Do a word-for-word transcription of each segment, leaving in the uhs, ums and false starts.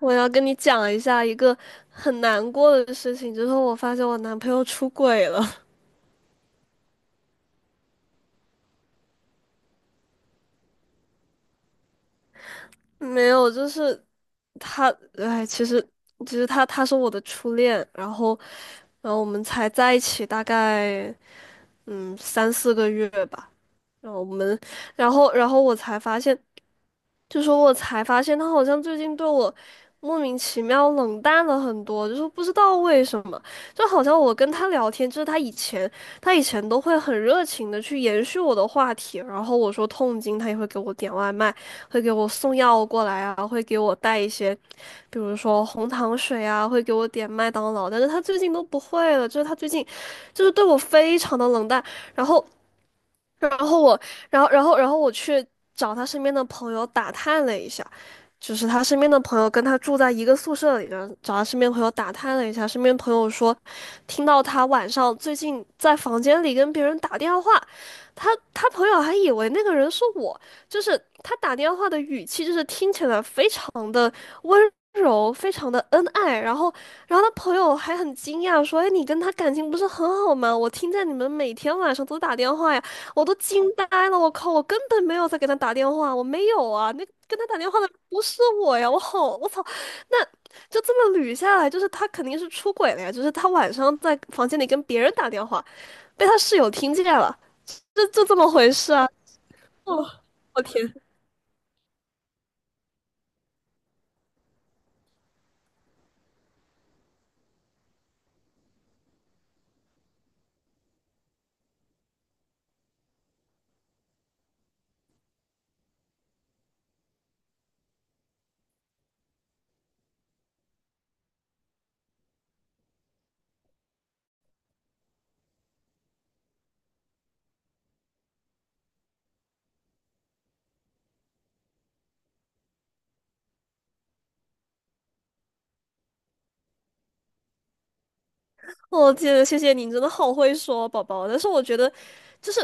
我要跟你讲一下一个很难过的事情，就是我发现我男朋友出轨了。没有，就是他，哎，其实其实他他是我的初恋，然后然后我们才在一起大概嗯三四个月吧，然后我们然后然后我才发现。就说我才发现他好像最近对我莫名其妙冷淡了很多，就是不知道为什么，就好像我跟他聊天，就是他以前他以前都会很热情的去延续我的话题，然后我说痛经，他也会给我点外卖，会给我送药过来啊，会给我带一些，比如说红糖水啊，会给我点麦当劳，但是他最近都不会了，就是他最近就是对我非常的冷淡。然后然后我，然后，然后，然后我去找他身边的朋友打探了一下，就是他身边的朋友跟他住在一个宿舍里，然后找他身边朋友打探了一下，身边朋友说，听到他晚上最近在房间里跟别人打电话，他他朋友还以为那个人是我，就是他打电话的语气，就是听起来非常的温柔，非常的恩爱。然后。然后他朋友还很惊讶说：“哎，你跟他感情不是很好吗？我听见你们每天晚上都打电话呀。”我都惊呆了，我靠，我根本没有在给他打电话，我没有啊，那跟他打电话的不是我呀，我好，我操，那就这么捋下来，就是他肯定是出轨了呀，就是他晚上在房间里跟别人打电话，被他室友听见了，就就这么回事啊。我天，谢谢你，你真的好会说，宝宝。但是我觉得，就是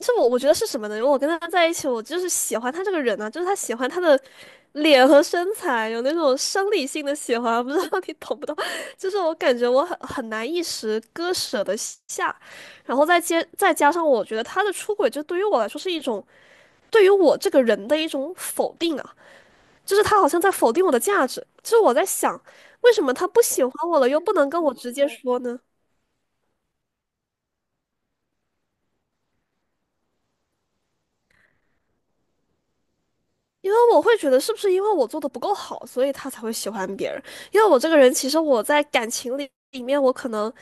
是我我觉得是什么呢？因为我跟他在一起，我就是喜欢他这个人啊，就是他喜欢他的脸和身材，有那种生理性的喜欢，不知道你懂不懂？就是我感觉我很很难一时割舍得下，然后再接再加上我觉得他的出轨，就对于我来说是一种对于我这个人的一种否定啊，就是他好像在否定我的价值，就是我在想，为什么他不喜欢我了，又不能跟我直接说呢？因为我会觉得是不是因为我做的不够好，所以他才会喜欢别人？因为我这个人，其实我在感情里里面，我可能，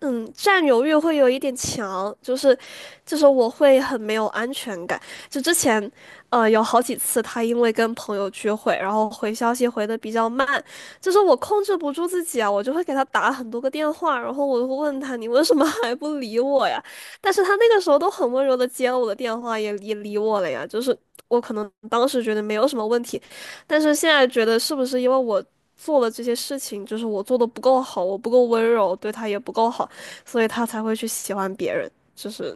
嗯，占有欲会有一点强，就是就是我会很没有安全感。就之前，呃，有好几次他因为跟朋友聚会，然后回消息回的比较慢，就是我控制不住自己啊，我就会给他打很多个电话，然后我就会问他你为什么 还不理我呀？但是他那个时候都很温柔的接了我的电话，也也理我了呀。就是。我可能当时觉得没有什么问题，但是现在觉得是不是因为我做了这些事情，就是我做的不够好，我不够温柔，对他也不够好，所以他才会去喜欢别人。就是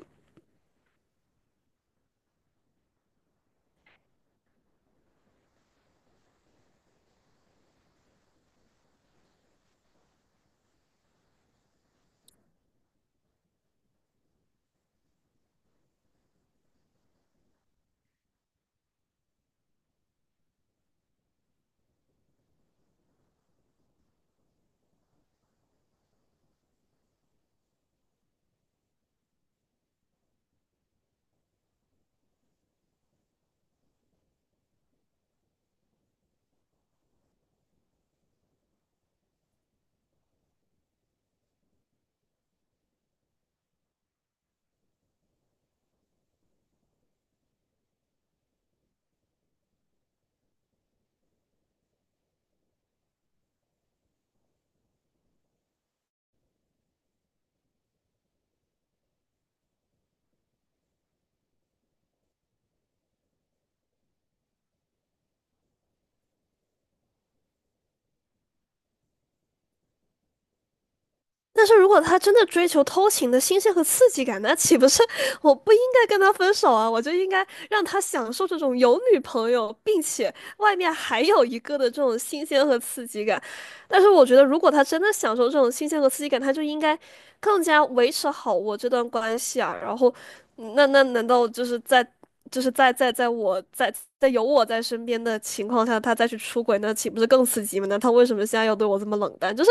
但是如果他真的追求偷情的新鲜和刺激感，那岂不是我不应该跟他分手啊？我就应该让他享受这种有女朋友，并且外面还有一个的这种新鲜和刺激感。但是我觉得，如果他真的享受这种新鲜和刺激感，他就应该更加维持好我这段关系啊。然后，嗯那那难道就是在就是在在在我在在有我在身边的情况下，他再去出轨，那岂不是更刺激吗？那他为什么现在要对我这么冷淡？就是，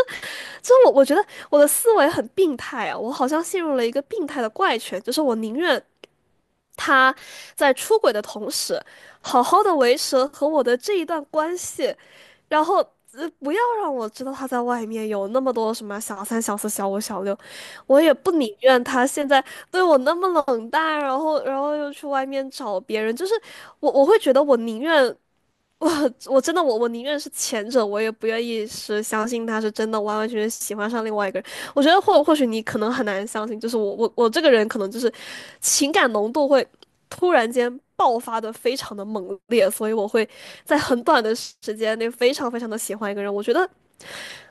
就是我我觉得我的思维很病态啊，我好像陷入了一个病态的怪圈，就是我宁愿他在出轨的同时，好好的维持和我的这一段关系，然后呃不要让我知道他在外面有那么多什么小三、小四、小五、小六，我也不宁愿他现在对我那么冷淡，然后然后又去外面找别人，就是我我会觉得我宁愿我我真的我我宁愿是前者，我也不愿意是相信他是真的完完全全喜欢上另外一个人。我觉得或或许你可能很难相信，就是我我我这个人可能就是情感浓度会突然间爆发的非常的猛烈，所以我会在很短的时间内非常非常的喜欢一个人。我觉得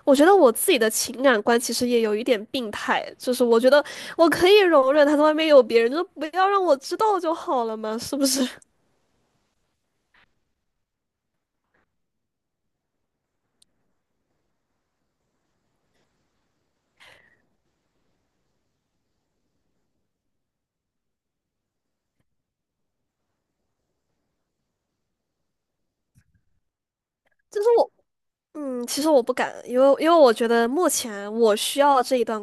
我觉得我自己的情感观其实也有一点病态，就是我觉得我可以容忍他在外面有别人，就是不要让我知道就好了嘛，是不是？就是我嗯，其实我不敢，因为因为我觉得目前我需要这一段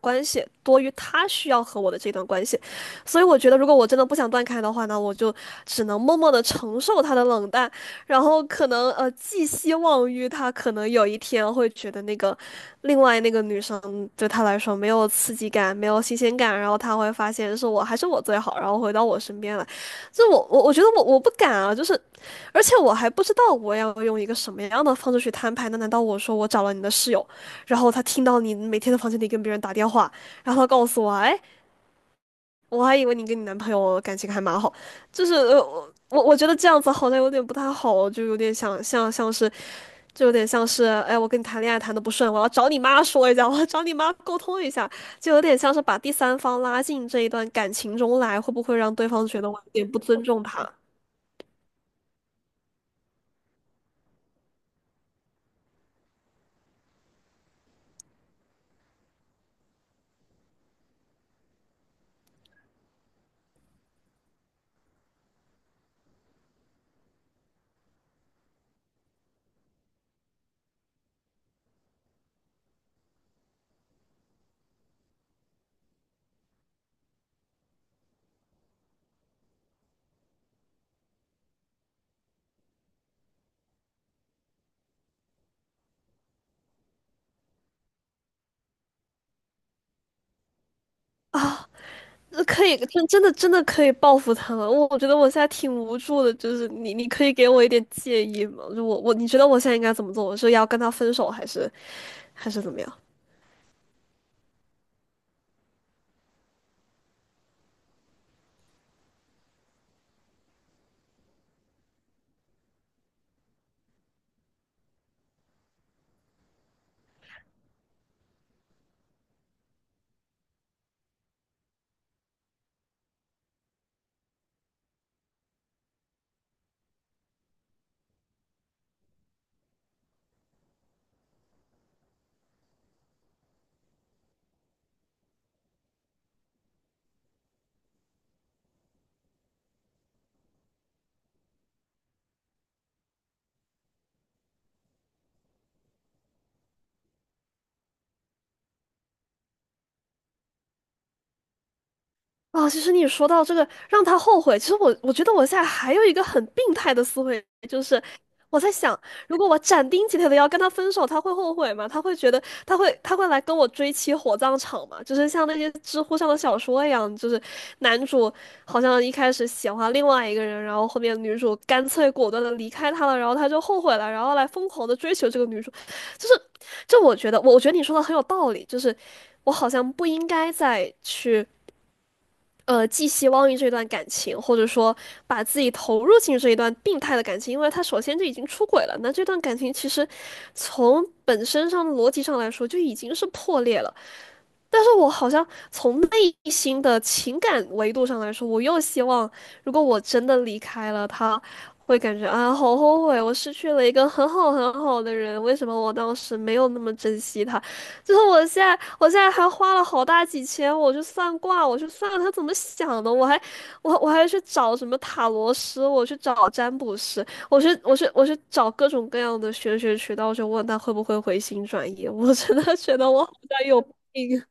关系多于他需要和我的这段关系，所以我觉得如果我真的不想断开的话呢，我就只能默默的承受他的冷淡，然后可能呃寄希望于他可能有一天会觉得那个另外那个女生对他来说没有刺激感，没有新鲜感，然后他会发现是我还是我最好，然后回到我身边来。就我我我觉得我我不敢啊。就是。而且我还不知道我要用一个什么样的方式去摊牌呢？那难道我说我找了你的室友，然后他听到你每天在房间里跟别人打电话，然后他告诉我，哎，我还以为你跟你男朋友感情还蛮好，就是呃我我我觉得这样子好像有点不太好，就有点想像像是，就有点像是，哎，我跟你谈恋爱谈的不顺，我要找你妈说一下，我要找你妈沟通一下，就有点像是把第三方拉进这一段感情中来，会不会让对方觉得我有点不尊重他啊？那可以，真真的真的可以报复他们。我我觉得我现在挺无助的，就是你你可以给我一点建议吗？就我我你觉得我现在应该怎么做？我是要跟他分手，还是还是怎么样？啊，其实你说到这个让他后悔，其实我我觉得我现在还有一个很病态的思维，就是我在想，如果我斩钉截铁的要跟他分手，他会后悔吗？他会觉得他会他会来跟我追妻火葬场吗？就是像那些知乎上的小说一样，就是男主好像一开始喜欢另外一个人，然后后面女主干脆果断的离开他了，然后他就后悔了，然后来疯狂的追求这个女主，就是就我觉得我我觉得你说的很有道理，就是我好像不应该再去。呃，寄希望于这段感情，或者说把自己投入进这一段病态的感情，因为他首先就已经出轨了，那这段感情其实从本身上的逻辑上来说就已经是破裂了。但是我好像从内心的情感维度上来说，我又希望，如果我真的离开了他，会感觉啊，好后悔，我失去了一个很好很好的人，为什么我当时没有那么珍惜他？就是我现在，我现在还花了好大几千，我去算卦，我去算他怎么想的，我还，我我还去找什么塔罗师，我去找占卜师，我去我去我去找各种各样的玄学渠道，去问他会不会回心转意。我真的觉得我好像有病。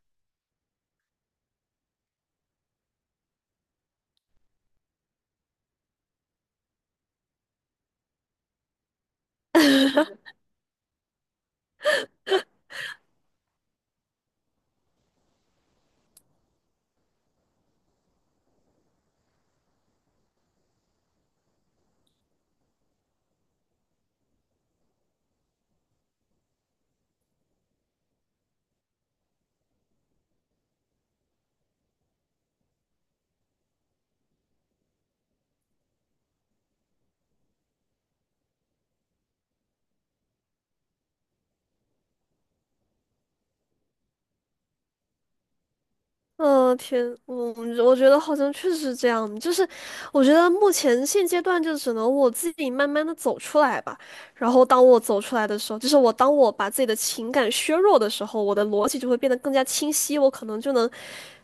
嗯，天，我我觉得好像确实是这样，就是我觉得目前现阶段就只能我自己慢慢的走出来吧。然后当我走出来的时候，就是我当我把自己的情感削弱的时候，我的逻辑就会变得更加清晰，我可能就能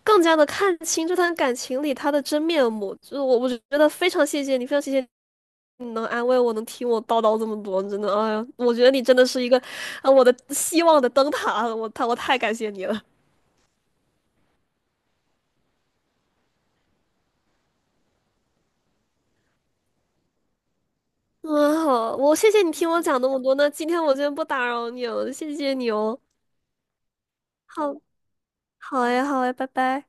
更加的看清这段感情里他的真面目。就是我我觉得非常谢谢你，非常谢谢你能安慰我，能听我叨叨这么多，真的，哎呀，我觉得你真的是一个，啊，我的希望的灯塔，我太我太感谢你了。嗯，好，我谢谢你听我讲那么多，那今天我就不打扰你了，谢谢你哦。好，好哎，好哎，拜拜。